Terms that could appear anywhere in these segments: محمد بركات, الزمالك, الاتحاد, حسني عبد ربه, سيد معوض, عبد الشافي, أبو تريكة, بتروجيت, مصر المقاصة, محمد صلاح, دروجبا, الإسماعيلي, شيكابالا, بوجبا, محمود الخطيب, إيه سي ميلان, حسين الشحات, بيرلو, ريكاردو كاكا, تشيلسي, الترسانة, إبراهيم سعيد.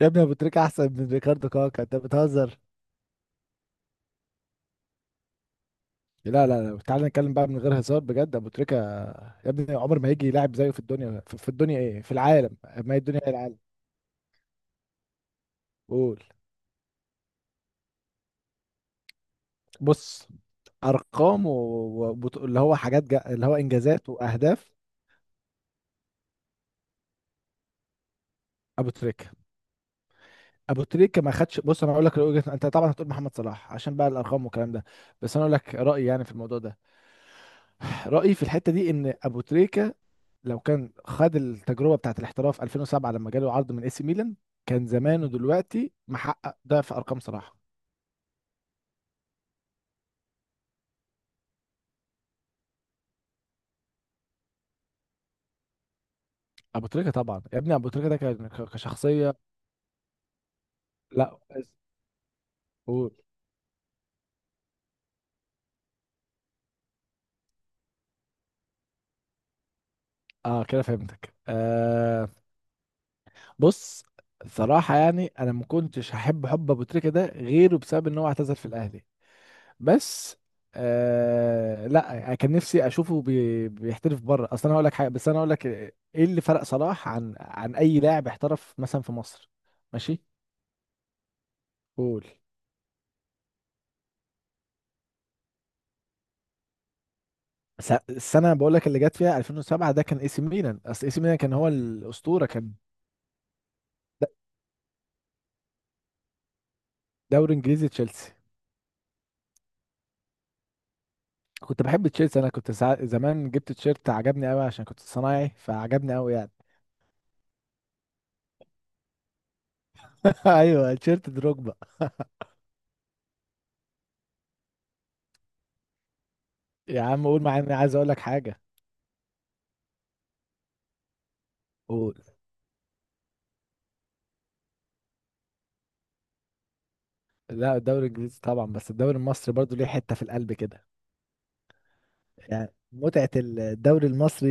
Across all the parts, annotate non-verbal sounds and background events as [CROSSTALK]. يا ابني ابو تريكة احسن من ريكاردو كاكا، انت بتهزر. لا لا لا، تعالى نتكلم بقى من غير هزار بجد. ابو تريكة يا ابني عمر ما هيجي يلاعب زيه في الدنيا، في الدنيا، ايه في العالم، ما هي الدنيا هي العالم. قول. بص، ارقام و... و... وبط- اللي هو حاجات جا... اللي هو انجازات واهداف. ابو تريكة، ما خدش. بص انا اقول لك انت طبعا هتقول محمد صلاح عشان بقى الارقام والكلام ده، بس انا اقول لك رايي يعني في الموضوع ده. [SIGHS] رايي في الحته دي ان ابو تريكة لو كان خد التجربه بتاعت الاحتراف 2007 لما جاله عرض من اي سي ميلان، كان زمانه دلوقتي محقق ضعف ارقام صلاح. ابو تريكه طبعا، يا ابني ابو تريكه ده كان كشخصيه. لا بس- قول. اه كده فهمتك. آه بص، صراحه يعني انا ما كنتش هحب حب ابو تريكه ده غيره بسبب ان هو اعتزل في الاهلي، بس آه لا، كان نفسي اشوفه بي بيحترف بره. اصل انا هقول لك حاجه، بس انا هقول لك ايه اللي فرق صلاح عن اي لاعب احترف مثلا في مصر. ماشي. قول. السنه بقول لك اللي جت فيها 2007، ده كان اي سي ميلان، اصل اي سي ميلان كان هو الاسطوره كان. د- دوري انجليزي، تشيلسي. كنت بحب تشيلسي، انا كنت ساعة زمان جبت تيشيرت عجبني قوي عشان كنت صنايعي فعجبني قوي يعني. [LAUGHS] ايوه، تيشيرت دروجبا. يا عم قول معايا، انا عايز اقول لك حاجه. قول. لا الدوري الانجليزي طبعا، بس الدوري المصري برضو ليه حته في القلب كده. يعني متعة الدوري المصري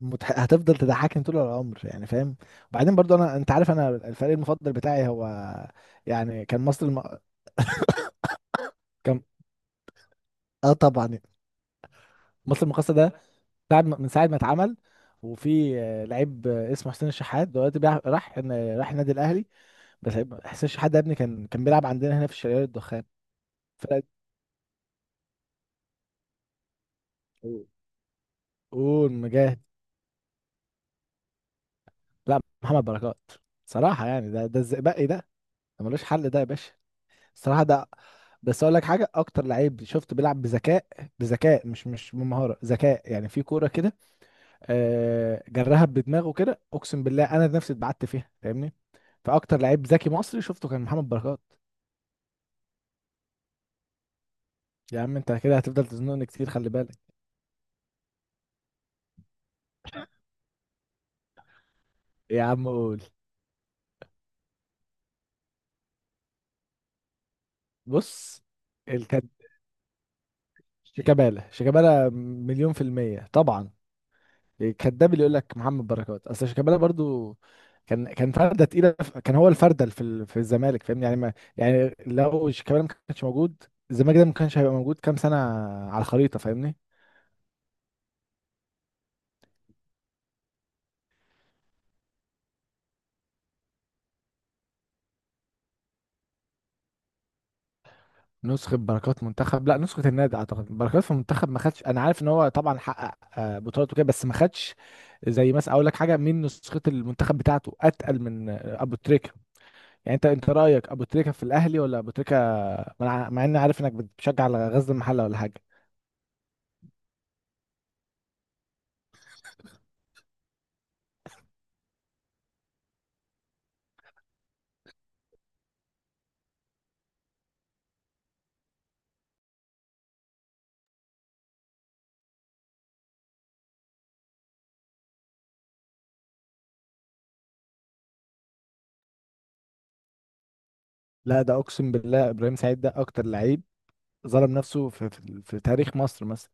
هتفضل تضحكني طول العمر يعني فاهم. وبعدين برضو انا، انت عارف انا الفريق المفضل بتاعي هو، يعني كان مصر كان. اه طبعا. مصر المقاصة ده ساعة ما- من ساعة ما اتعمل، وفي آه، لعيب آه، اسمه حسين الشحات دلوقتي راح النادي الاهلي. بس حسين الشحات ده يا ابني كان بيلعب عندنا هنا في الشرقية الدخان. فرقة. قول مجاهد. لا محمد بركات. صراحة يعني ده الزئبقي ده، ده ملوش حل ده يا باشا. الصراحه ده، بس اقول لك حاجه، اكتر لعيب شفته بيلعب بذكاء. بذكاء، مش بمهاره، ذكاء يعني في كوره كده. آه، جرها بدماغه كده اقسم بالله انا نفسي اتبعت فيها فاهمني. فاكتر لعيب ذكي مصري شفته كان محمد بركات. يا عم انت كده هتفضل تزنقني كتير، خلي بالك. يا عم قول. بص. الكد. شيكابالا مليون في المية طبعا. كداب اللي يقول لك محمد بركات، اصل شيكابالا برضو كان فرده تقيله، كان هو الفرده في في الزمالك فاهمني. يعني ما يعني لو شيكابالا ما كانش موجود، الزمالك ده ما كانش هيبقى موجود كام سنه على الخريطه فاهمني. نسخه بركات منتخب؟ لا نسخه النادي. اعتقد بركات في المنتخب ما خدش، انا عارف ان هو طبعا حقق آه، بطولات وكده، بس ما خدش. زي مثلا اقول لك حاجه، من نسخه المنتخب بتاعته اتقل من آه، ابو تريكه. يعني انت، رايك ابو تريكه في الاهلي ولا ابو تريكه، مع اني عارف انك بتشجع على غزل المحله ولا حاجه. لا ده اقسم بالله ابراهيم سعيد ده اكتر لعيب ظلم نفسه في, تاريخ مصر مثلا.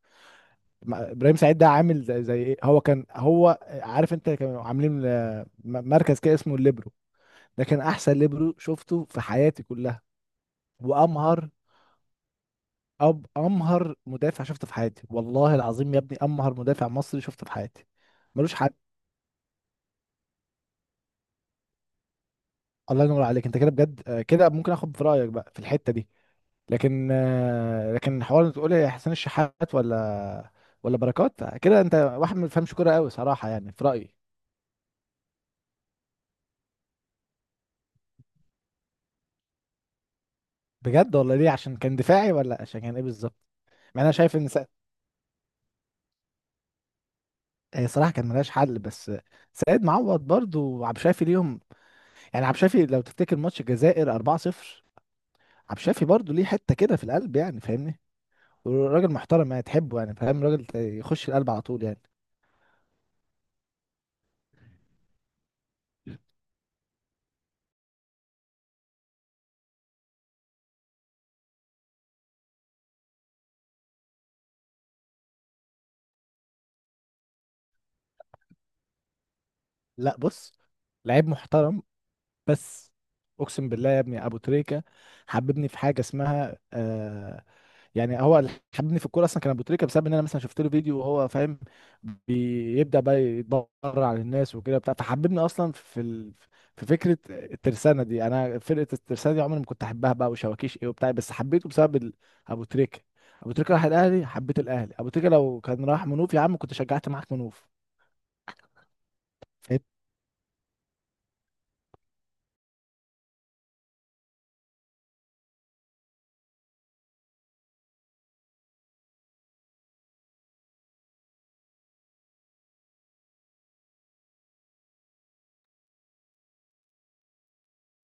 ابراهيم سعيد ده عامل زي, ايه، هو كان هو عارف انت كانوا عاملين آه، مركز كده اسمه الليبرو. ده كان احسن ليبرو شفته في حياتي كلها. وامهر امهر مدافع شفته في حياتي، والله العظيم يا ابني امهر مدافع مصري شفته في حياتي. ملوش حد. الله ينور عليك، انت كده بجد آه، كده ممكن اخد في رايك بقى في الحته دي. لكن آه، حوار تقول لي حسين الشحات ولا بركات كده، انت واحد ما بيفهمش كوره قوي صراحه يعني في رايي. بجد؟ ولا ليه، عشان كان دفاعي ولا عشان كان ايه بالظبط؟ مع إن انا شايف ان هي صراحه كان ملهاش حل، بس سيد معوض برضو وعبد الشافي ليهم. يعني عبد الشافي لو تفتكر ماتش الجزائر 4-0، عبد الشافي برضو ليه حته كده في القلب يعني فاهمني. وراجل محترم يعني تحبه يعني فاهم، راجل يخش القلب على طول يعني. لا بص، لعيب محترم. بس اقسم بالله يا ابني ابو تريكه حببني في حاجه اسمها آه، يعني هو اللي حببني في الكوره اصلا كان ابو تريكه، بسبب ان انا مثلا شفت له فيديو وهو فاهم بيبدا بقى يتبرع على الناس وكده بتاع، فحببني اصلا في في فكره الترسانه دي. انا فرقه الترسانه دي عمري ما كنت احبها بقى، وشواكيش ايه وبتاع، بس حبيته بسبب ابو تريكه. ابو تريكه راح الاهلي حبيت الاهلي، ابو تريكه لو كان راح منوف يا عم كنت شجعت معاك منوف. فاهم؟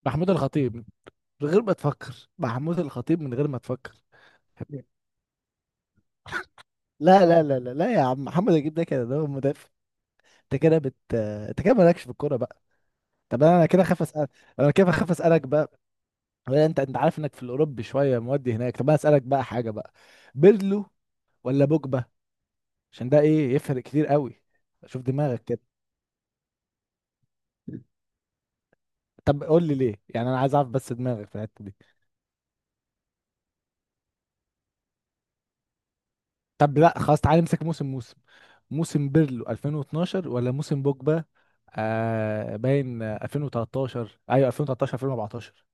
محمود الخطيب. من غير ما تفكر، محمود الخطيب من غير ما تفكر. لا لا لا لا لا يا عم، محمد الجيب ده كده ده هو مدافع. انت كده انت كده مالكش في الكوره بقى. طب انا كده خاف اسال. انا كده خاف اسالك بقى. ولا انت، عارف انك في الاوروبي شويه مودي هناك. طب انا اسالك بقى حاجه بقى، بيرلو ولا بوجبا؟ عشان ده ايه يفرق كتير قوي. شوف دماغك كده. طب قول لي ليه يعني انا عايز اعرف بس دماغك في الحته دي. طب لا خلاص، تعالى نمسك موسم موسم بيرلو 2012 ولا موسم بوجبا. آه باين آه، 2013، ايوه 2013 2014.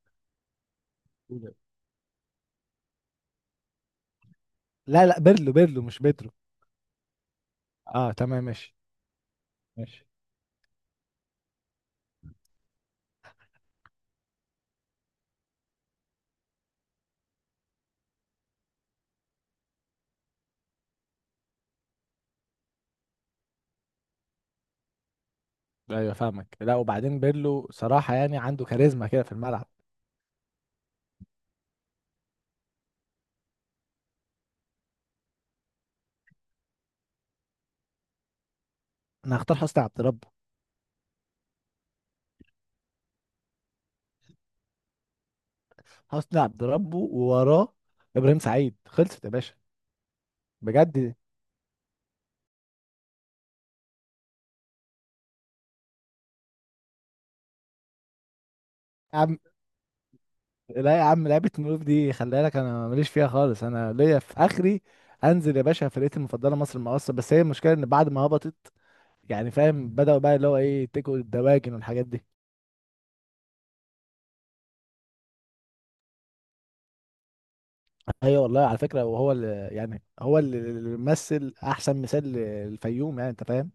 لا لا، بيرلو مش بيدرو. اه تمام ماشي. ماشي. ايوه فاهمك. لا وبعدين بيرلو صراحه يعني عنده كاريزما كده في الملعب. انا هختار حسني عبد ربه. حسني عبد ربه، ووراه ابراهيم سعيد. خلصت يا باشا. بجد يا عم. لا يا عم لعبه ملوك دي خلي بالك انا ماليش فيها خالص، انا ليا في اخري. انزل يا باشا، فرقتي المفضله مصر المقاصه، بس هي المشكله ان بعد ما هبطت يعني فاهم، بدأوا بقى اللي هو ايه تكوا الدواجن والحاجات دي. ايوه والله، على فكره وهو اللي يعني هو اللي مثل احسن مثال للفيوم يعني انت فاهم.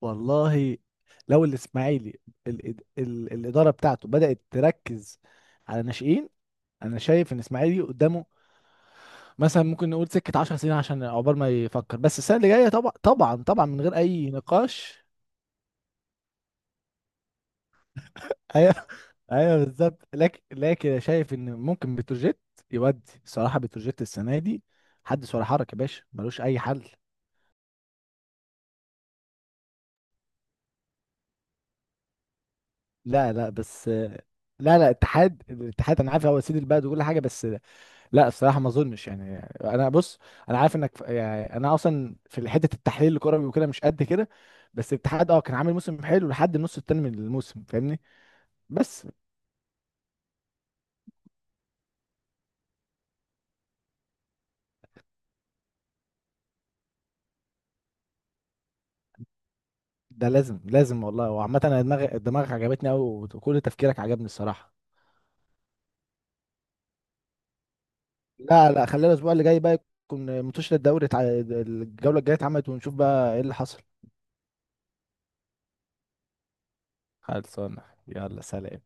والله لو الاسماعيلي ال الاداره بتاعته بدات تركز على ناشئين، انا شايف ان الاسماعيلي قدامه مثلا ممكن نقول سكه 10 سنين عشان عقبال ما يفكر، بس السنه اللي جايه طبعا طبعا طبعا من غير اي نقاش. ايوه. [LAUGHS] ايوه بالظبط. لكن شايف ان ممكن بتروجيت يودي، صراحه بتروجيت السنه دي حدث ولا حرج يا باشا ملوش اي حل. لا لا بس، لا لا اتحاد، الاتحاد انا عارف هو سيد البلد وكل حاجه، بس لا الصراحه ما اظنش يعني. انا بص، انا عارف انك يعني انا اصلا في حته التحليل الكروي وكده مش قد كده، بس الاتحاد اه كان عامل موسم حلو لحد النص التاني من الموسم فاهمني. بس ده لازم لازم والله. وعامه انا دماغك عجبتني قوي، وكل تفكيرك عجبني الصراحه. لا لا خلينا الاسبوع اللي جاي بقى، يكون منتشر الدوري الجوله الجايه اتعملت ونشوف بقى ايه اللي حصل. خلصانه. يلا سلام.